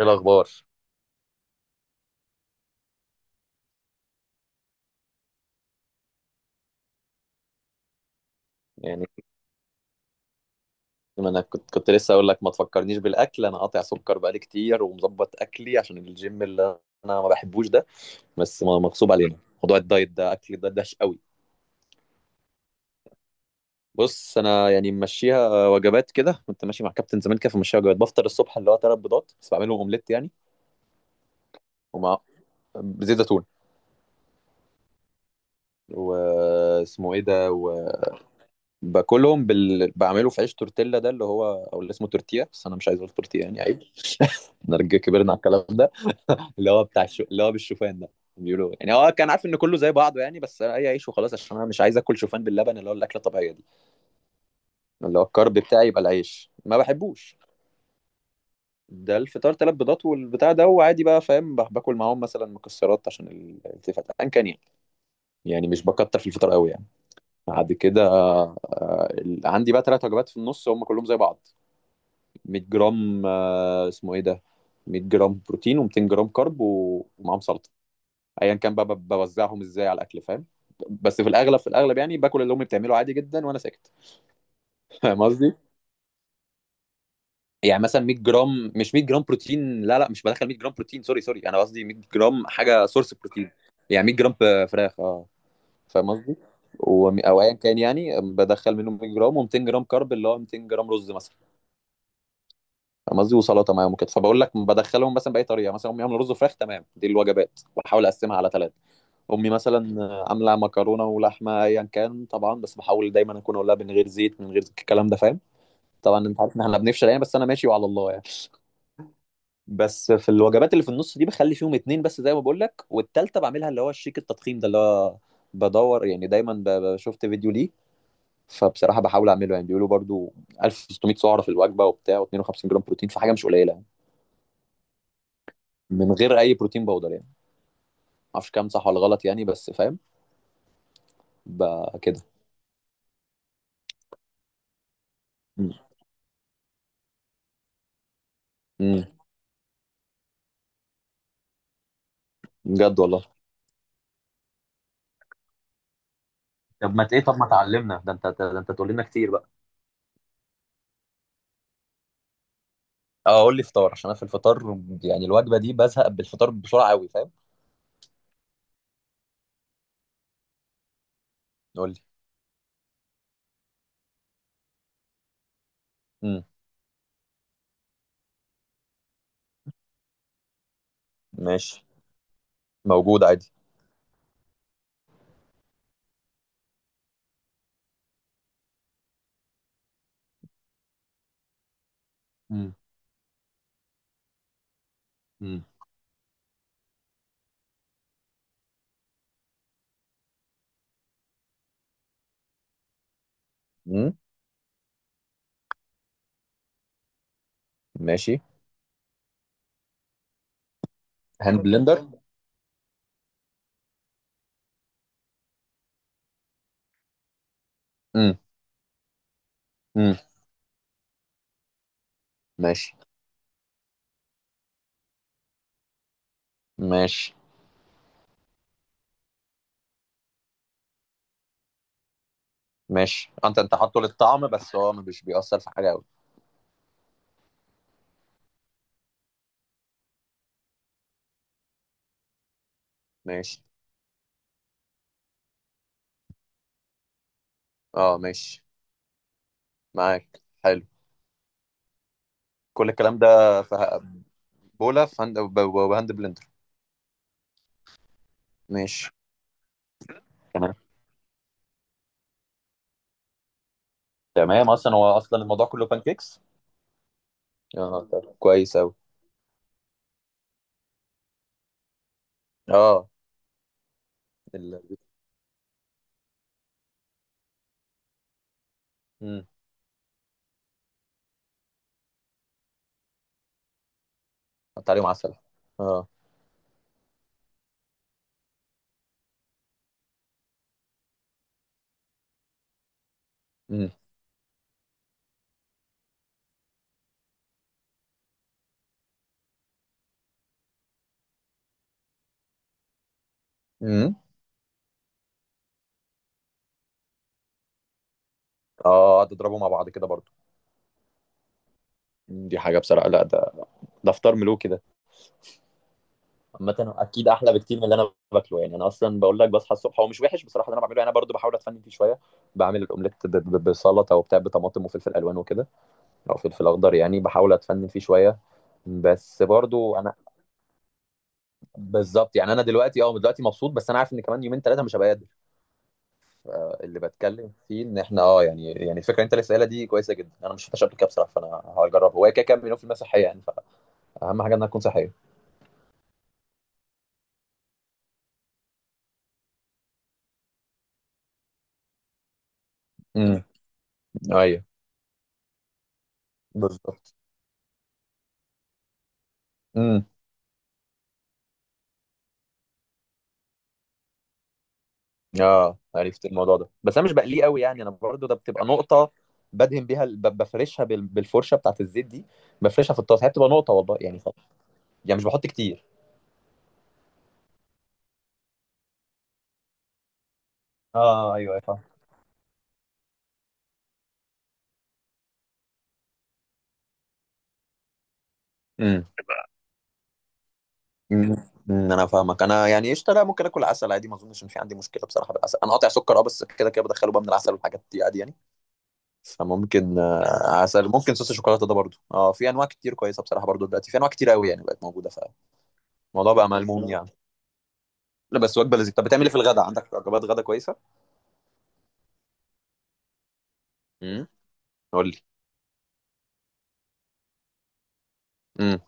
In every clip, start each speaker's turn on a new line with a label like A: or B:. A: ايه الاخبار؟ يعني ما انا كنت لسه اقول لك، ما تفكرنيش بالاكل، انا قاطع سكر بقالي كتير ومظبط اكلي عشان الجيم اللي انا ما بحبوش ده، بس مغصوب علينا. موضوع الدايت ده، اكل ده دهش قوي. بص، انا يعني ممشيها وجبات كده، كنت ماشي مع كابتن زمان كده فمشيها وجبات. بفطر الصبح اللي هو ثلاث بيضات بس، بعملهم اومليت يعني، ومع بزيت زيتون. واسمه ايه ده؟ وباكلهم بعمله في عيش تورتيلا ده، اللي هو او اللي اسمه تورتيا، بس انا مش عايز اقول تورتيا يعني عيب. احنا رجاله كبرنا على الكلام ده، اللي هو بتاع اللي هو بالشوفان ده، بيقولوا يعني هو كان عارف ان كله زي بعضه يعني، بس اي عيش وخلاص، عشان انا مش عايز اكل شوفان باللبن اللي هو الاكله الطبيعيه دي. اللي هو الكرب بتاعي يبقى العيش، ما بحبوش. ده الفطار، ثلاث بيضات والبتاع ده، وعادي بقى فاهم، باكل معاهم مثلا مكسرات عشان الالتفات ان كان يعني. يعني مش بكتر في الفطار قوي يعني. بعد كده عندي بقى ثلاث وجبات في النص، هم كلهم زي بعض: 100 جرام، اسمه ايه ده، 100 جرام بروتين و200 جرام كارب ومعاهم سلطه، ايا كان بقى بوزعهم ازاي على الاكل فاهم. بس في الاغلب يعني باكل اللي امي بتعمله عادي جدا وانا ساكت. فاهم قصدي، يعني مثلا 100 جرام، مش 100 جرام بروتين، لا لا، مش بدخل 100 جرام بروتين، سوري سوري، انا قصدي 100 جرام حاجه سورس بروتين. يعني 100 جرام فراخ، اه فاهم قصدي. او ايا كان يعني، بدخل منهم 100 جرام و200 جرام كارب، اللي هو 200 جرام رز مثلا. فاهم قصدي، وسلطه معاهم وكده، فبقول لك بدخلهم مثلا باي طريقه. مثلا امي عامله رز وفراخ، تمام، دي الوجبات واحاول اقسمها على ثلاث. امي مثلا عامله مكرونه ولحمه ايا كان طبعا، بس بحاول دايما اكون اقول لها من غير زيت، من غير الكلام ده فاهم. طبعا انت عارف ان احنا بنفشل يعني، بس انا ماشي وعلى الله يعني. بس في الوجبات اللي في النص دي بخلي فيهم اتنين بس زي ما بقول لك، والتالتة بعملها اللي هو الشيك التضخيم ده، اللي هو بدور يعني دايما، شفت فيديو ليه فبصراحة بحاول اعمله يعني. بيقولوا برضو 1600 سعرة في الوجبة وبتاع، و52 جرام بروتين، فحاجة مش قليلة من غير اي بروتين باودر يعني. معرفش كام صح ولا غلط يعني، بس فاهم بقى كده. امم. أمم. بجد والله! طب ما ت- ايه، طب ما تعلمنا ده انت تقول لنا كتير بقى. اه، قول لي فطار، عشان انا في الفطار يعني الوجبه دي بزهق بالفطار بسرعه قوي فاهم. قول لي. امم. ماشي. موجود عادي. امم. امم. امم. ماشي. هاند بلندر. امم. امم. ماشي. ماشي. ماشي. انت حاطه للطعم، بس هو مش بيأثر في حاجه قوي. ماشي. اه، ماشي. معاك، حلو. كل الكلام ده، بولا في هاند بهاند بلندر. ماشي. تمام. تمام، اصلا هو اصلا الموضوع كله بانكيكس. اه طب، كويس اوي. اه. ال... امم. حط عليهم عسل. اه. امم. امم. اه، قعد اضربوا مع بعض كده برضو. مم. دي حاجه بصراحه، لا ده، ده فطار ملوكي ده. عامة، اكيد احلى بكتير من اللي انا باكله يعني. انا اصلا بقول لك، بصحى الصبح هو مش وحش بصراحه اللي انا بعمله يعني. انا برضو بحاول اتفنن فيه شويه، بعمل الاومليت بسلطه وبتاع، بطماطم وفلفل الوان وكده، او فلفل اخضر يعني. بحاول اتفنن فيه شويه، بس برضو انا، بالظبط يعني. انا دلوقتي، دلوقتي مبسوط، بس انا عارف ان كمان يومين ثلاثه مش هبقى قادر. اللي بتكلم فيه، ان احنا يعني الفكره اللي انت لسه قايلها دي كويسه جدا. انا ما شفتهاش قبل كده بصراحه، فانا هجربها. هو كده كده 1000000% صحيه يعني، فاهم حاجه انها تكون صحيه. امم. ايوه. بالظبط. امم. اه، عرفت الموضوع ده، بس انا مش بقليه قوي يعني. انا برضو ده بتبقى نقطه، بدهن بيها بفرشها بالفرشه بتاعت الزيت دي، بفرشها في الطاسه. هي بتبقى نقطه والله يعني يعني مش بحط كتير. اه، ايوه، ايوه. فاهم. مم. انا فاهمك. انا يعني قشطه، لا ممكن اكل عسل عادي، ما اظنش ان في عندي مشكله بصراحه بالعسل. انا قاطع سكر اه، بس كده كده بدخله بقى من العسل والحاجات دي عادي يعني. فممكن عسل، ممكن صوص الشوكولاته ده برضو اه، في انواع كتير كويسه بصراحه، برضو دلوقتي في انواع كتير قوي يعني، بقت موجوده. فالموضوع بقى ملموم يعني. لا، بس وجبه لذيذه. طب بتعمل ايه في الغداء؟ عندك وجبات غدا كويسه؟ امم. قول لي. امم.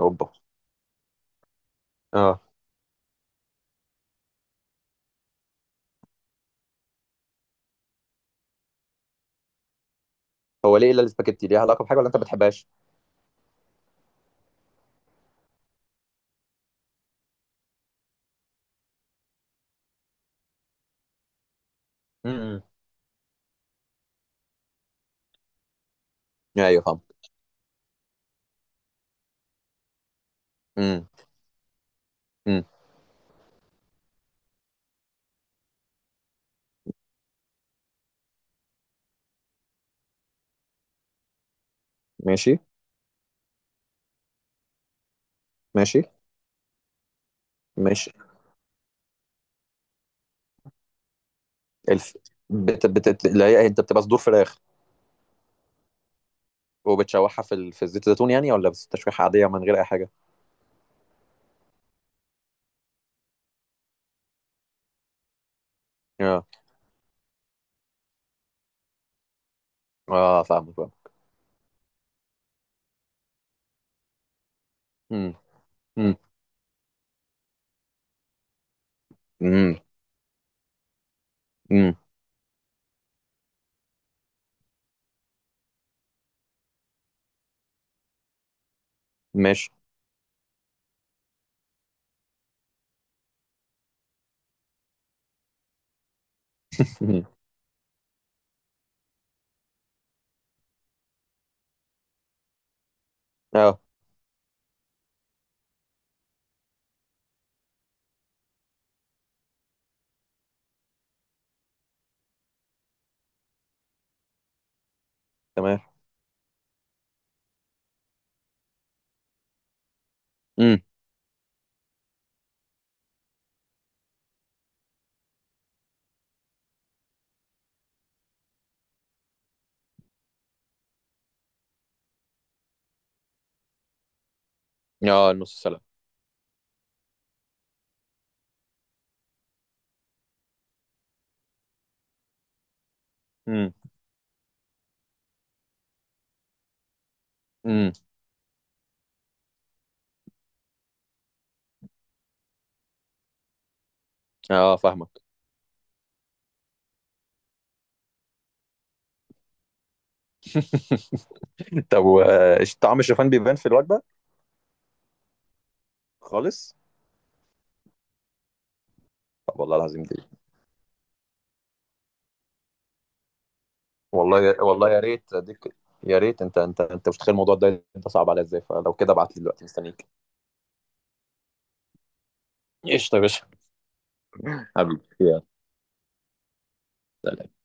A: اوبا! اه. هو ليه الا الاسباجيتي؟ ليها علاقه بحاجه، ولا انت ما بتحبهاش؟ امم. ايوه فاهم. امم. امم. ماشي. ماشي. ماشي. الف، لا، إيه، انت بتبقى صدور فراخ وبتشوحها في في زيت الزيتون يعني، ولا بس تشويحة عادية من غير أي حاجة؟ اه، اه فاهمك بقى. امم. امم. امم. امم. ماشي. مم. اه تمام. امم. اه، نص سلقة. امم. امم. اه فاهمك. طب طعم الشوفان بيبان في الوجبة؟ خالص؟ طب والله العظيم دي، والله يا ريت اديك. يا ريت انت انت مش متخيل الموضوع ده انت صعب عليا ازاي. فلو كده ابعت لي دلوقتي، مستنيك. قشطة يا باشا. حبيبي يلا. سلام.